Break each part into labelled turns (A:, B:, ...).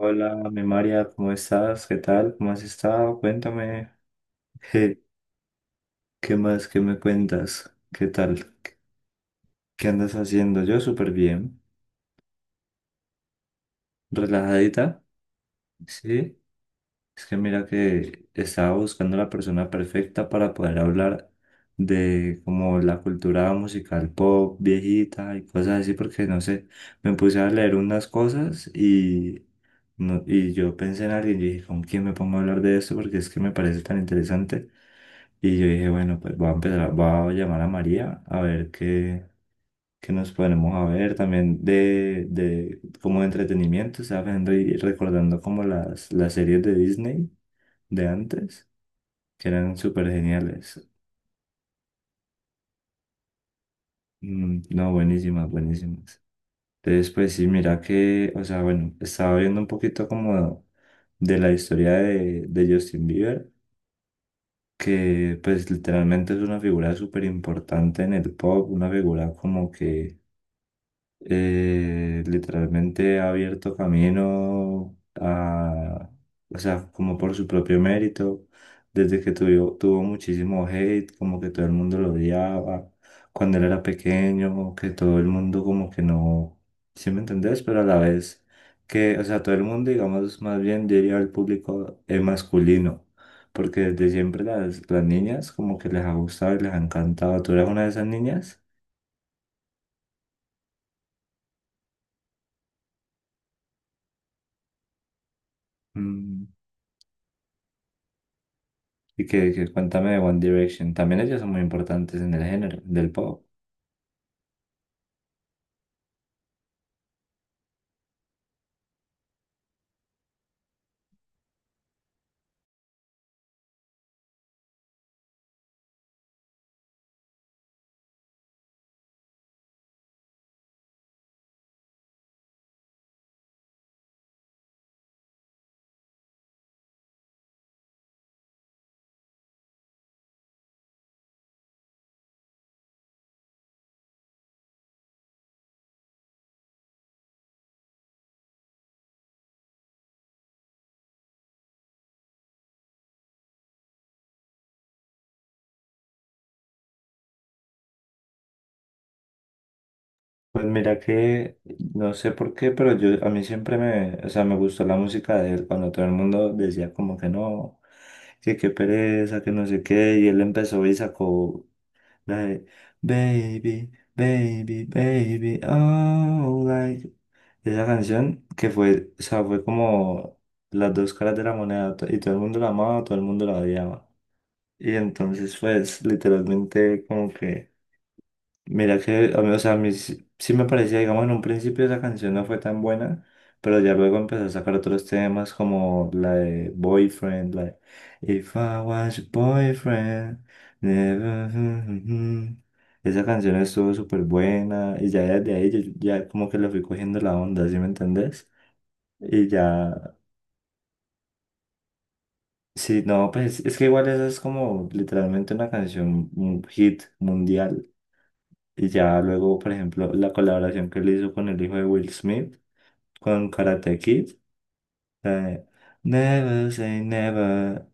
A: Hola, mi María, ¿cómo estás? ¿Qué tal? ¿Cómo has estado? Cuéntame. ¿Qué, qué más? ¿Qué me cuentas? ¿Qué tal? ¿Qué andas haciendo? Yo súper bien. ¿Relajadita? Sí. Es que mira que estaba buscando la persona perfecta para poder hablar de como la cultura musical pop, viejita y cosas así, porque no sé, me puse a leer unas cosas y... No, y yo pensé en alguien y dije, ¿con quién me pongo a hablar de esto? Porque es que me parece tan interesante. Y yo dije, bueno, pues voy a empezar, voy a llamar a María a ver qué, qué nos ponemos a ver también de como de entretenimiento, estaba viendo y recordando como las series de Disney de antes, que eran súper geniales. Mm, no, buenísimas, buenísimas. Entonces, pues sí, mira que, o sea, bueno, estaba viendo un poquito como de la historia de Justin Bieber, que pues literalmente es una figura súper importante en el pop, una figura como que literalmente ha abierto camino a, o sea, como por su propio mérito, desde que tuvo muchísimo hate, como que todo el mundo lo odiaba, cuando él era pequeño, que todo el mundo como que no, ¿sí me entendés? Pero a la vez que, o sea, todo el mundo, digamos, más bien diría al público masculino. Porque desde siempre las niñas como que les ha gustado y les ha encantado. ¿Tú eras una de esas niñas? Mm. Y que cuéntame de One Direction. También ellos son muy importantes en el género del pop. Pues mira que no sé por qué, pero yo a mí siempre me, o sea, me gustó la música de él cuando todo el mundo decía como que no, que qué pereza, que no sé qué, y él empezó y sacó la de Baby, Baby, Baby, oh, like esa canción que fue, o sea, fue como las dos caras de la moneda, y todo el mundo la amaba, todo el mundo la odiaba. Y entonces, pues, literalmente, como que, mira que, a mí, o sea, a mí sí, sí me parecía, digamos, en un principio esa canción no fue tan buena, pero ya luego empezó a sacar otros temas como la de Boyfriend, la de If I Was Your Boyfriend, never, mm, mm, mm". Esa canción estuvo súper buena y ya desde ahí yo ya como que le fui cogiendo la onda, ¿sí me entendés? Y ya, sí, no, pues es que igual esa es como literalmente una canción, un hit mundial. Y ya luego, por ejemplo, la colaboración que él hizo con el hijo de Will Smith, con Karate Kid, la de Never say never,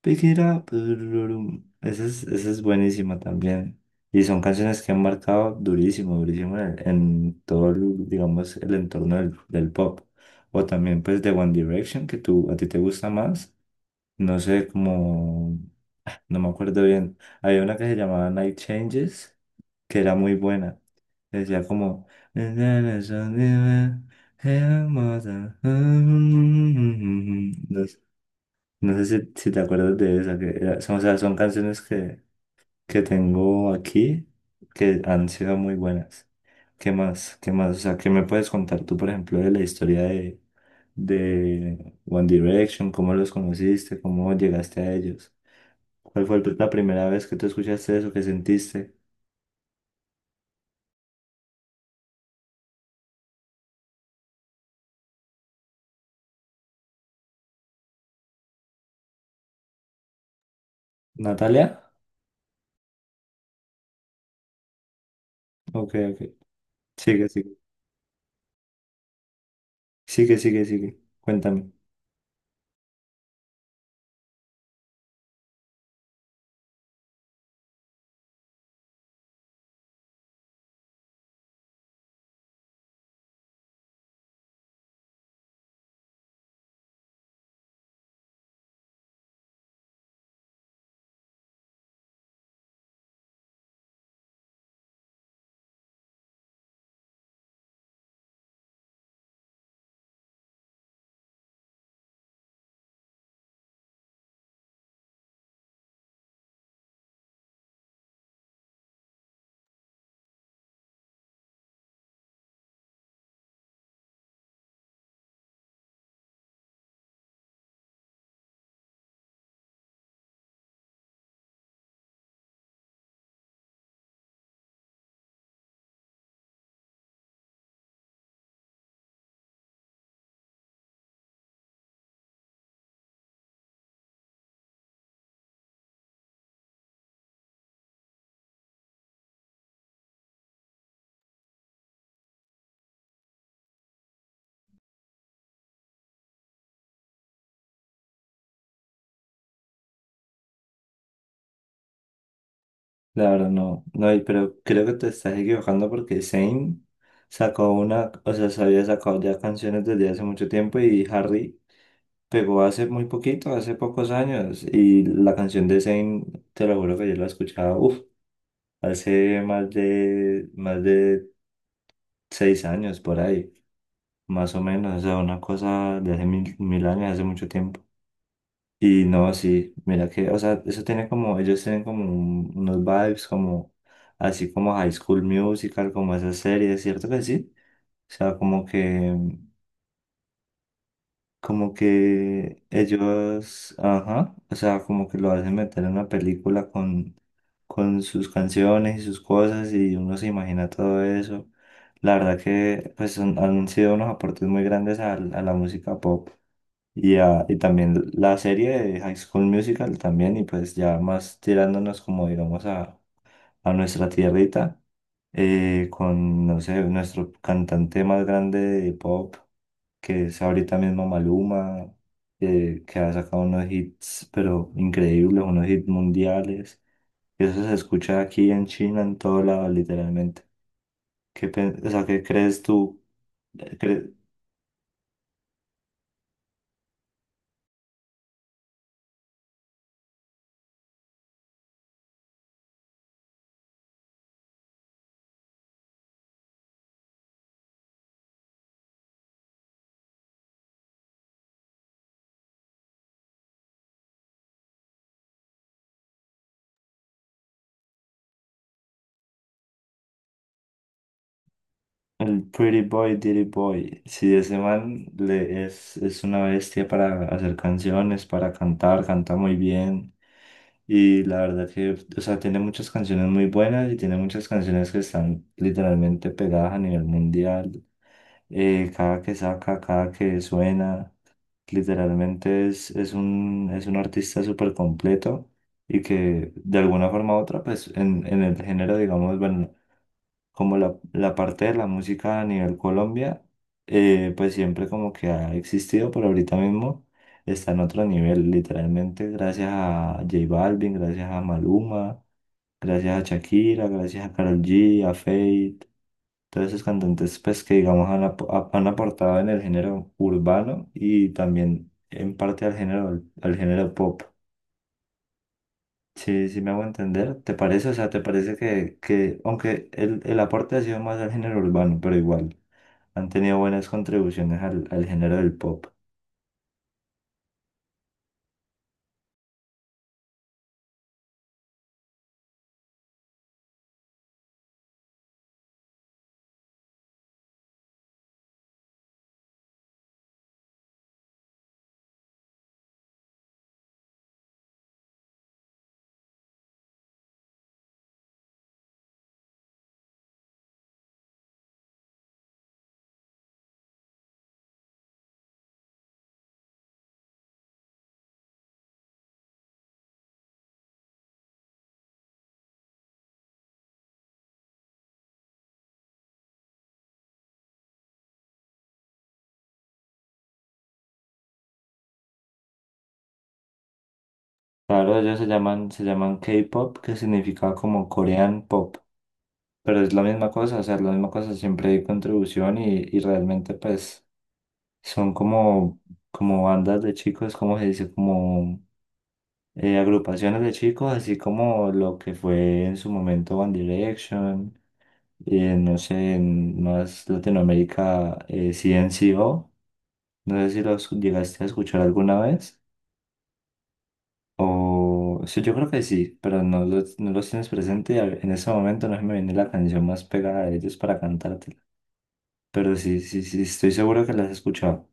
A: pick it up. Dururum. Esa es buenísima también. Y son canciones que han marcado durísimo, durísimo en todo, el, digamos, el entorno del pop. O también, pues, de One Direction, que tú, a ti te gusta más. No sé, como, no me acuerdo bien. Había una que se llamaba Night Changes que era muy buena. Decía como... No, no sé si, si te acuerdas de esa, que era- son, o sea, son canciones que tengo aquí que han sido muy buenas. ¿Qué más? ¿Qué más? O sea, ¿qué me puedes contar tú, por ejemplo, de la historia de One Direction? ¿Cómo los conociste? ¿Cómo llegaste a ellos? ¿Cuál fue la primera vez que tú escuchaste eso? ¿Qué sentiste? ¿Natalia? Ok, ok. Sigue, sigue. Sigue, sigue, sigue. Cuéntame. La verdad no, no hay, pero creo que te estás equivocando porque Zayn sacó una, o sea, se había sacado ya canciones desde hace mucho tiempo y Harry pegó hace muy poquito, hace pocos años. Y la canción de Zayn, te lo juro que yo la escuchaba, uff, hace más de 6 años por ahí, más o menos, o sea, una cosa de hace mil, mil años, hace mucho tiempo. Y no, sí, mira que, o sea, eso tiene como, ellos tienen como un- unos vibes como, así como High School Musical, como esas series, ¿cierto que sí? O sea, como que ellos, ajá, o sea, como que lo hacen meter en una película con sus canciones y sus cosas y uno se imagina todo eso. La verdad que, pues, son- han sido unos aportes muy grandes al- a la música pop. Y, ah, y también la serie de High School Musical también, y pues ya más tirándonos como digamos a nuestra tierrita, con, no sé, nuestro cantante más grande de pop, que es ahorita mismo Maluma, que ha sacado unos hits, pero increíbles, unos hits mundiales. Eso se escucha aquí en China, en todo lado, literalmente. ¿Qué, o sea, ¿qué crees tú? El Pretty Boy, Dirty Boy. Sí, ese man le es una bestia para hacer canciones, para cantar, canta muy bien. Y la verdad que, o sea, tiene muchas canciones muy buenas y tiene muchas canciones que están literalmente pegadas a nivel mundial. Cada que saca, cada que suena, literalmente es un artista súper completo y que de alguna forma u otra, pues en el género, digamos, bueno, como la parte de la música a nivel Colombia, pues siempre como que ha existido, pero ahorita mismo está en otro nivel, literalmente gracias a J Balvin, gracias a Maluma, gracias a Shakira, gracias a Karol G, a Feid, todos esos cantantes pues que digamos han, han aportado en el género urbano y también en parte al género pop. Sí, sí me hago entender. ¿Te parece? O sea, ¿te parece que aunque el aporte ha sido más al género urbano, pero igual? Han tenido buenas contribuciones al, al género del pop. Claro, ellos se llaman K-pop, que significa como Korean Pop, pero es la misma cosa, o sea, es la misma cosa, siempre hay contribución y realmente pues son como, como bandas de chicos, como se dice, como agrupaciones de chicos, así como lo que fue en su momento One Direction, no sé, en más Latinoamérica, CNCO no sé si los llegaste a escuchar alguna vez. O sí, yo creo que sí, pero no los, no los tienes presente. En ese momento no se me viene la canción más pegada de ellos para cantártela. Pero sí, sí, sí, estoy seguro que las has escuchado.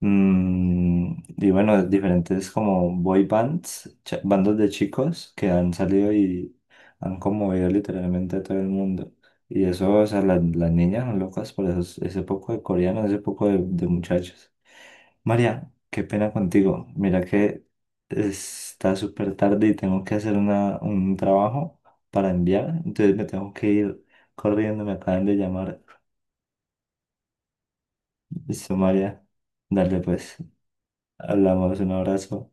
A: Mm, y bueno, diferentes como boy bands, bandos de chicos que han salido y han conmovido literalmente a todo el mundo. Y eso, o sea, las niñas son locas por esos, ese poco de coreanos, ese poco de muchachos. María, qué pena contigo. Mira que está súper tarde y tengo que hacer un trabajo para enviar, entonces me tengo que ir corriendo, me acaban de llamar. Listo, María, dale pues, hablamos, un abrazo.